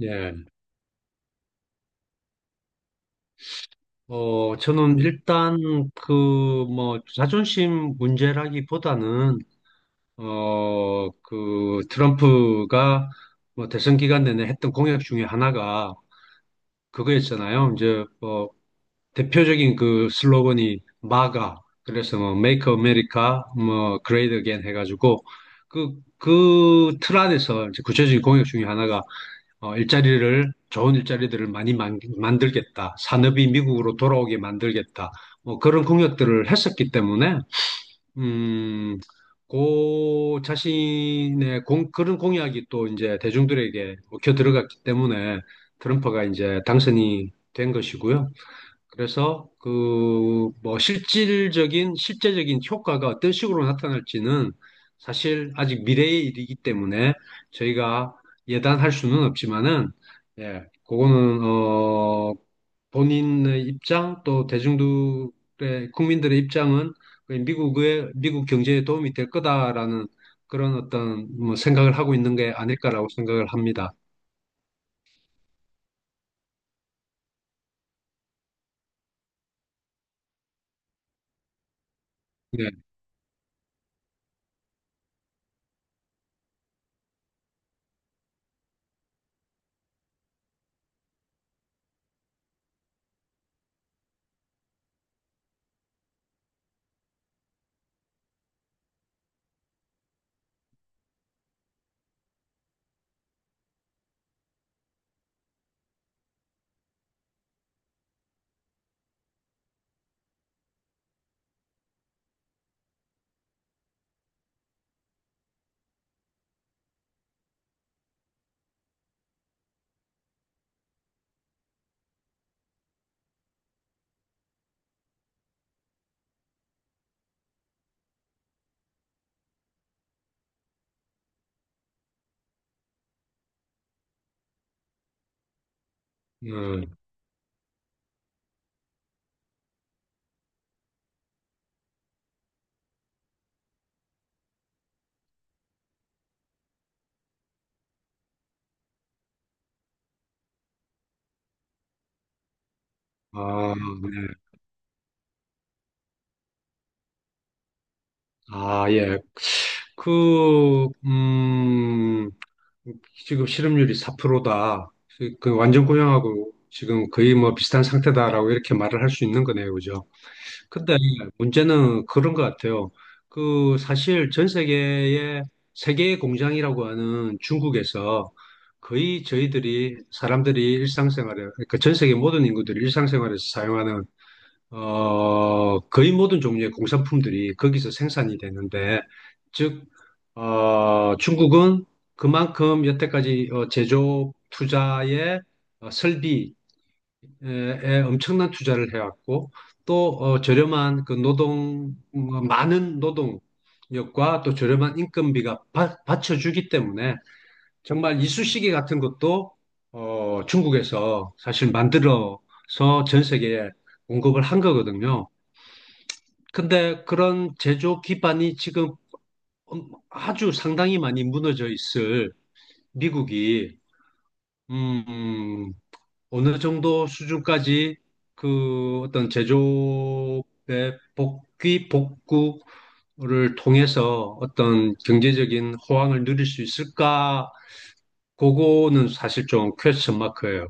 예, 저는 일단 그 자존심 문제라기보다는 그 트럼프가 뭐 대선 기간 내내 했던 공약 중에 하나가 그거였잖아요. 이제 뭐 대표적인 그 슬로건이 마가, 그래서 뭐 Make America 뭐 Great Again 해가지고 그 틀 안에서 이제 구체적인 공약 중에 하나가 일자리를, 좋은 일자리들을 많이 들겠다. 산업이 미국으로 돌아오게 만들겠다. 뭐 그런 공약들을 했었기 때문에, 음, 고 자신의 그런 공약이 또 이제 대중들에게 먹혀 들어갔기 때문에 트럼프가 이제 당선이 된 것이고요. 그래서 그 뭐 실질적인 실제적인 효과가 어떤 식으로 나타날지는 사실 아직 미래의 일이기 때문에 저희가 예단할 수는 없지만은, 예, 그거는 본인의 입장, 또 대중들의 국민들의 입장은 그 미국의 미국 경제에 도움이 될 거다라는 그런 어떤 뭐 생각을 하고 있는 게 아닐까라고 생각을 합니다. 네. 음, 아, 네. 아, 예. 그, 음, 지금 실업률이 4%다. 그 완전 고용하고 지금 거의 뭐 비슷한 상태다라고 이렇게 말을 할 수 있는 거네요. 그죠? 근데 문제는 그런 것 같아요. 그 사실 전 세계의 세계의 공장이라고 하는 중국에서 거의 저희들이 사람들이 일상생활에, 그러니까 전 세계 모든 인구들이 일상생활에서 사용하는 거의 모든 종류의 공산품들이 거기서 생산이 되는데, 즉, 중국은 그만큼 여태까지 제조 투자에 설비에 엄청난 투자를 해왔고, 또 저렴한 많은 노동력과 또 저렴한 인건비가 받쳐주기 때문에 정말 이쑤시개 같은 것도 중국에서 사실 만들어서 전 세계에 공급을 한 거거든요. 근데 그런 제조 기반이 지금 아주 상당히 많이 무너져 있을, 미국이 음, 음, 어느 정도 수준까지 그 어떤 제조업의 복귀 복구를 통해서 어떤 경제적인 호황을 누릴 수 있을까? 그거는 사실 좀 퀘스천 마크예요.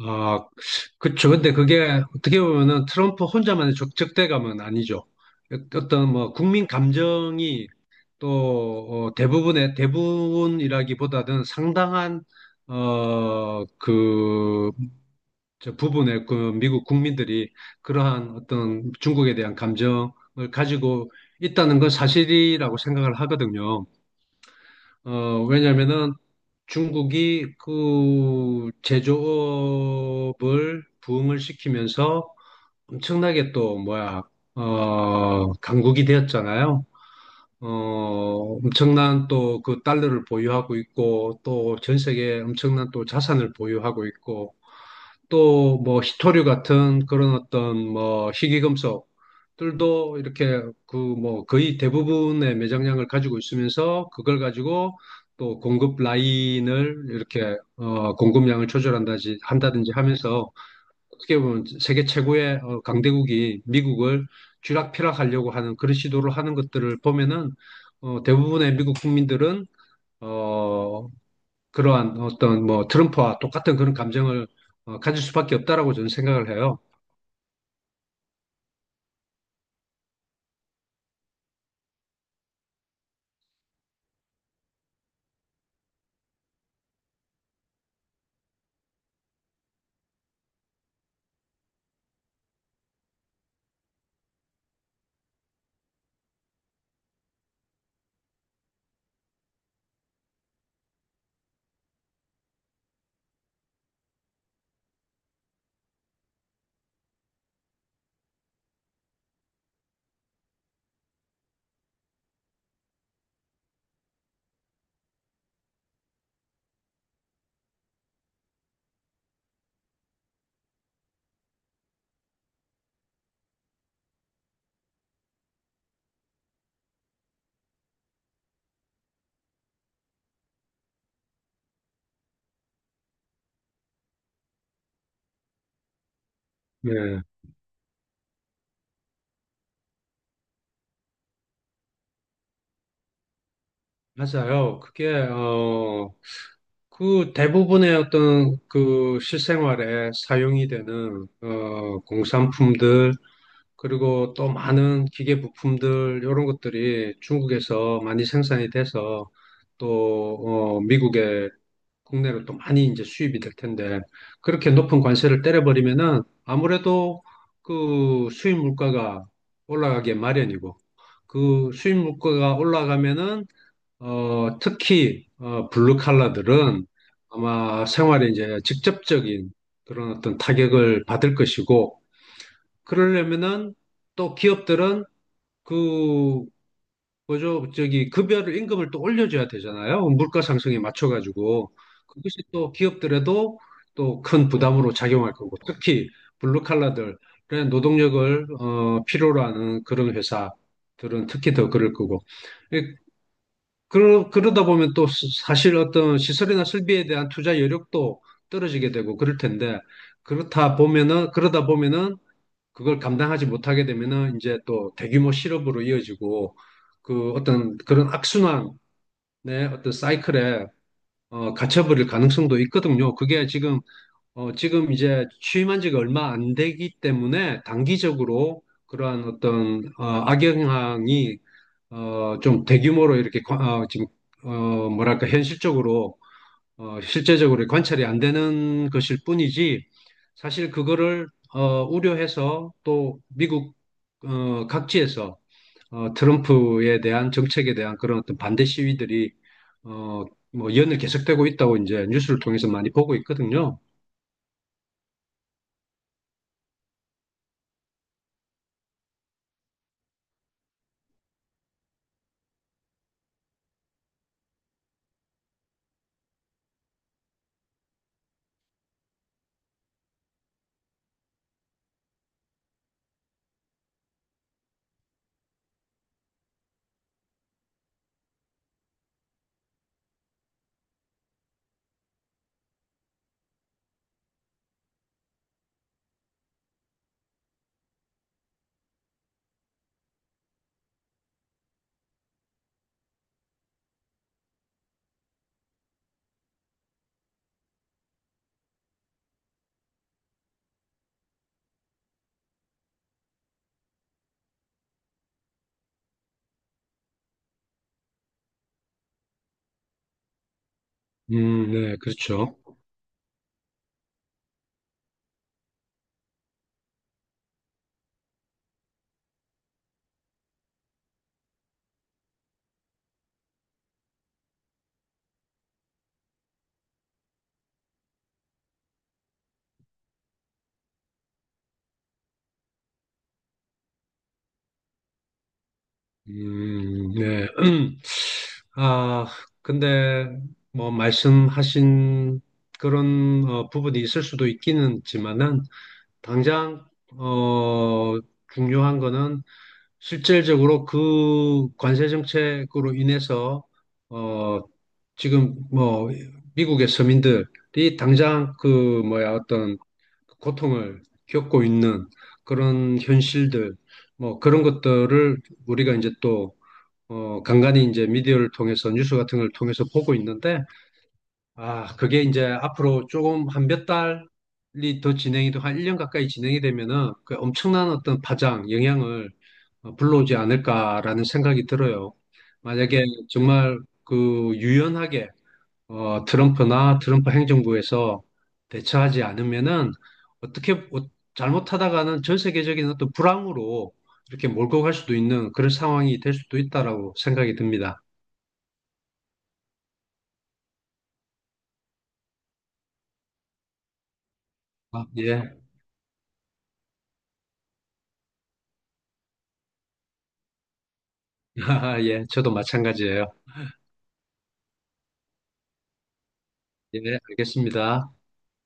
아, 그쵸. 근데 그게 어떻게 보면은 트럼프 혼자만의 적대감은 아니죠. 어떤 뭐 국민 감정이 또 대부분의 대부분이라기보다는 상당한 어, 그, 저 부분의 그 미국 국민들이 그러한 어떤 중국에 대한 감정을 가지고 있다는 건 사실이라고 생각을 하거든요. 왜냐면은 중국이 그 제조업을 부흥을 시키면서 엄청나게 또 뭐야, 강국이 되었잖아요. 어, 엄청난 또 그 달러를 보유하고 있고, 또 전 세계에 엄청난 또 자산을 보유하고 있고, 또 뭐 희토류 같은 그런 어떤 뭐 희귀금속들도 이렇게 그 뭐 거의 대부분의 매장량을 가지고 있으면서 그걸 가지고 또 공급 라인을 이렇게 어 공급량을 조절한다지 한다든지 하면서 어떻게 보면 세계 최고의 강대국이 미국을 쥐락펴락하려고 하는 그런 시도를 하는 것들을 보면은 대부분의 미국 국민들은 어 그러한 어떤 뭐 트럼프와 똑같은 그런 감정을 가질 수밖에 없다라고 저는 생각을 해요. 네, 맞아요. 그게 어, 그 대부분의 어떤 그 실생활에 사용이 되는 공산품들, 그리고 또 많은 기계 부품들 이런 것들이 중국에서 많이 생산이 돼서 또 미국에 국내로 또 많이 이제 수입이 될 텐데, 그렇게 높은 관세를 때려버리면은 아무래도 그 수입 물가가 올라가게 마련이고, 그 수입 물가가 올라가면은 특히 블루 칼라들은 아마 생활에 이제 직접적인 그런 어떤 타격을 받을 것이고, 그러려면은 또 기업들은 그 그죠? 저기 급여를 임금을 또 올려줘야 되잖아요. 물가 상승에 맞춰가지고 그것이 또 기업들에도 또 큰 부담으로 작용할 거고, 특히 블루칼라들의 노동력을 필요로 하는 그런 회사들은 특히 더 그럴 거고, 예, 그러다 보면 또 사실 어떤 시설이나 설비에 대한 투자 여력도 떨어지게 되고 그럴 텐데, 그렇다 보면은 그러다 보면은 그걸 감당하지 못하게 되면은 이제 또 대규모 실업으로 이어지고 그 어떤 그런 악순환의 어떤 사이클에 갇혀버릴 가능성도 있거든요. 그게 지금 이제 취임한 지가 얼마 안 되기 때문에 단기적으로 그러한 어떤 악영향이 좀 대규모로 이렇게 지금 뭐랄까, 현실적으로 실제적으로 관찰이 안 되는 것일 뿐이지, 사실 그거를 우려해서 또 미국 각지에서 트럼프에 대한 정책에 대한 그런 어떤 반대 시위들이 어, 뭐 연을 계속되고 있다고 이제 뉴스를 통해서 많이 보고 있거든요. 네, 그렇죠. 네. 아, 근데 뭐 말씀하신 그런 부분이 있을 수도 있기는 지만은, 당장 어, 중요한 거는 실질적으로 그 관세 정책으로 인해서 어, 지금 뭐 미국의 서민들이 당장 그 뭐야 어떤 고통을 겪고 있는 그런 현실들, 뭐 그런 것들을 우리가 이제 또 간간히 이제 미디어를 통해서 뉴스 같은 걸 통해서 보고 있는데, 아, 그게 이제 앞으로 조금 한 몇 달이 더 한 1년 가까이 진행이 되면은 그 엄청난 어떤 파장, 영향을 불러오지 않을까라는 생각이 들어요. 만약에 정말 그 유연하게 트럼프 행정부에서 대처하지 않으면은, 어떻게 잘못하다가는 전 세계적인 어떤 불황으로 이렇게 몰고 갈 수도 있는 그런 상황이 될 수도 있다라고 생각이 듭니다. 아, 예. 예, 저도 마찬가지예요. 예, 알겠습니다.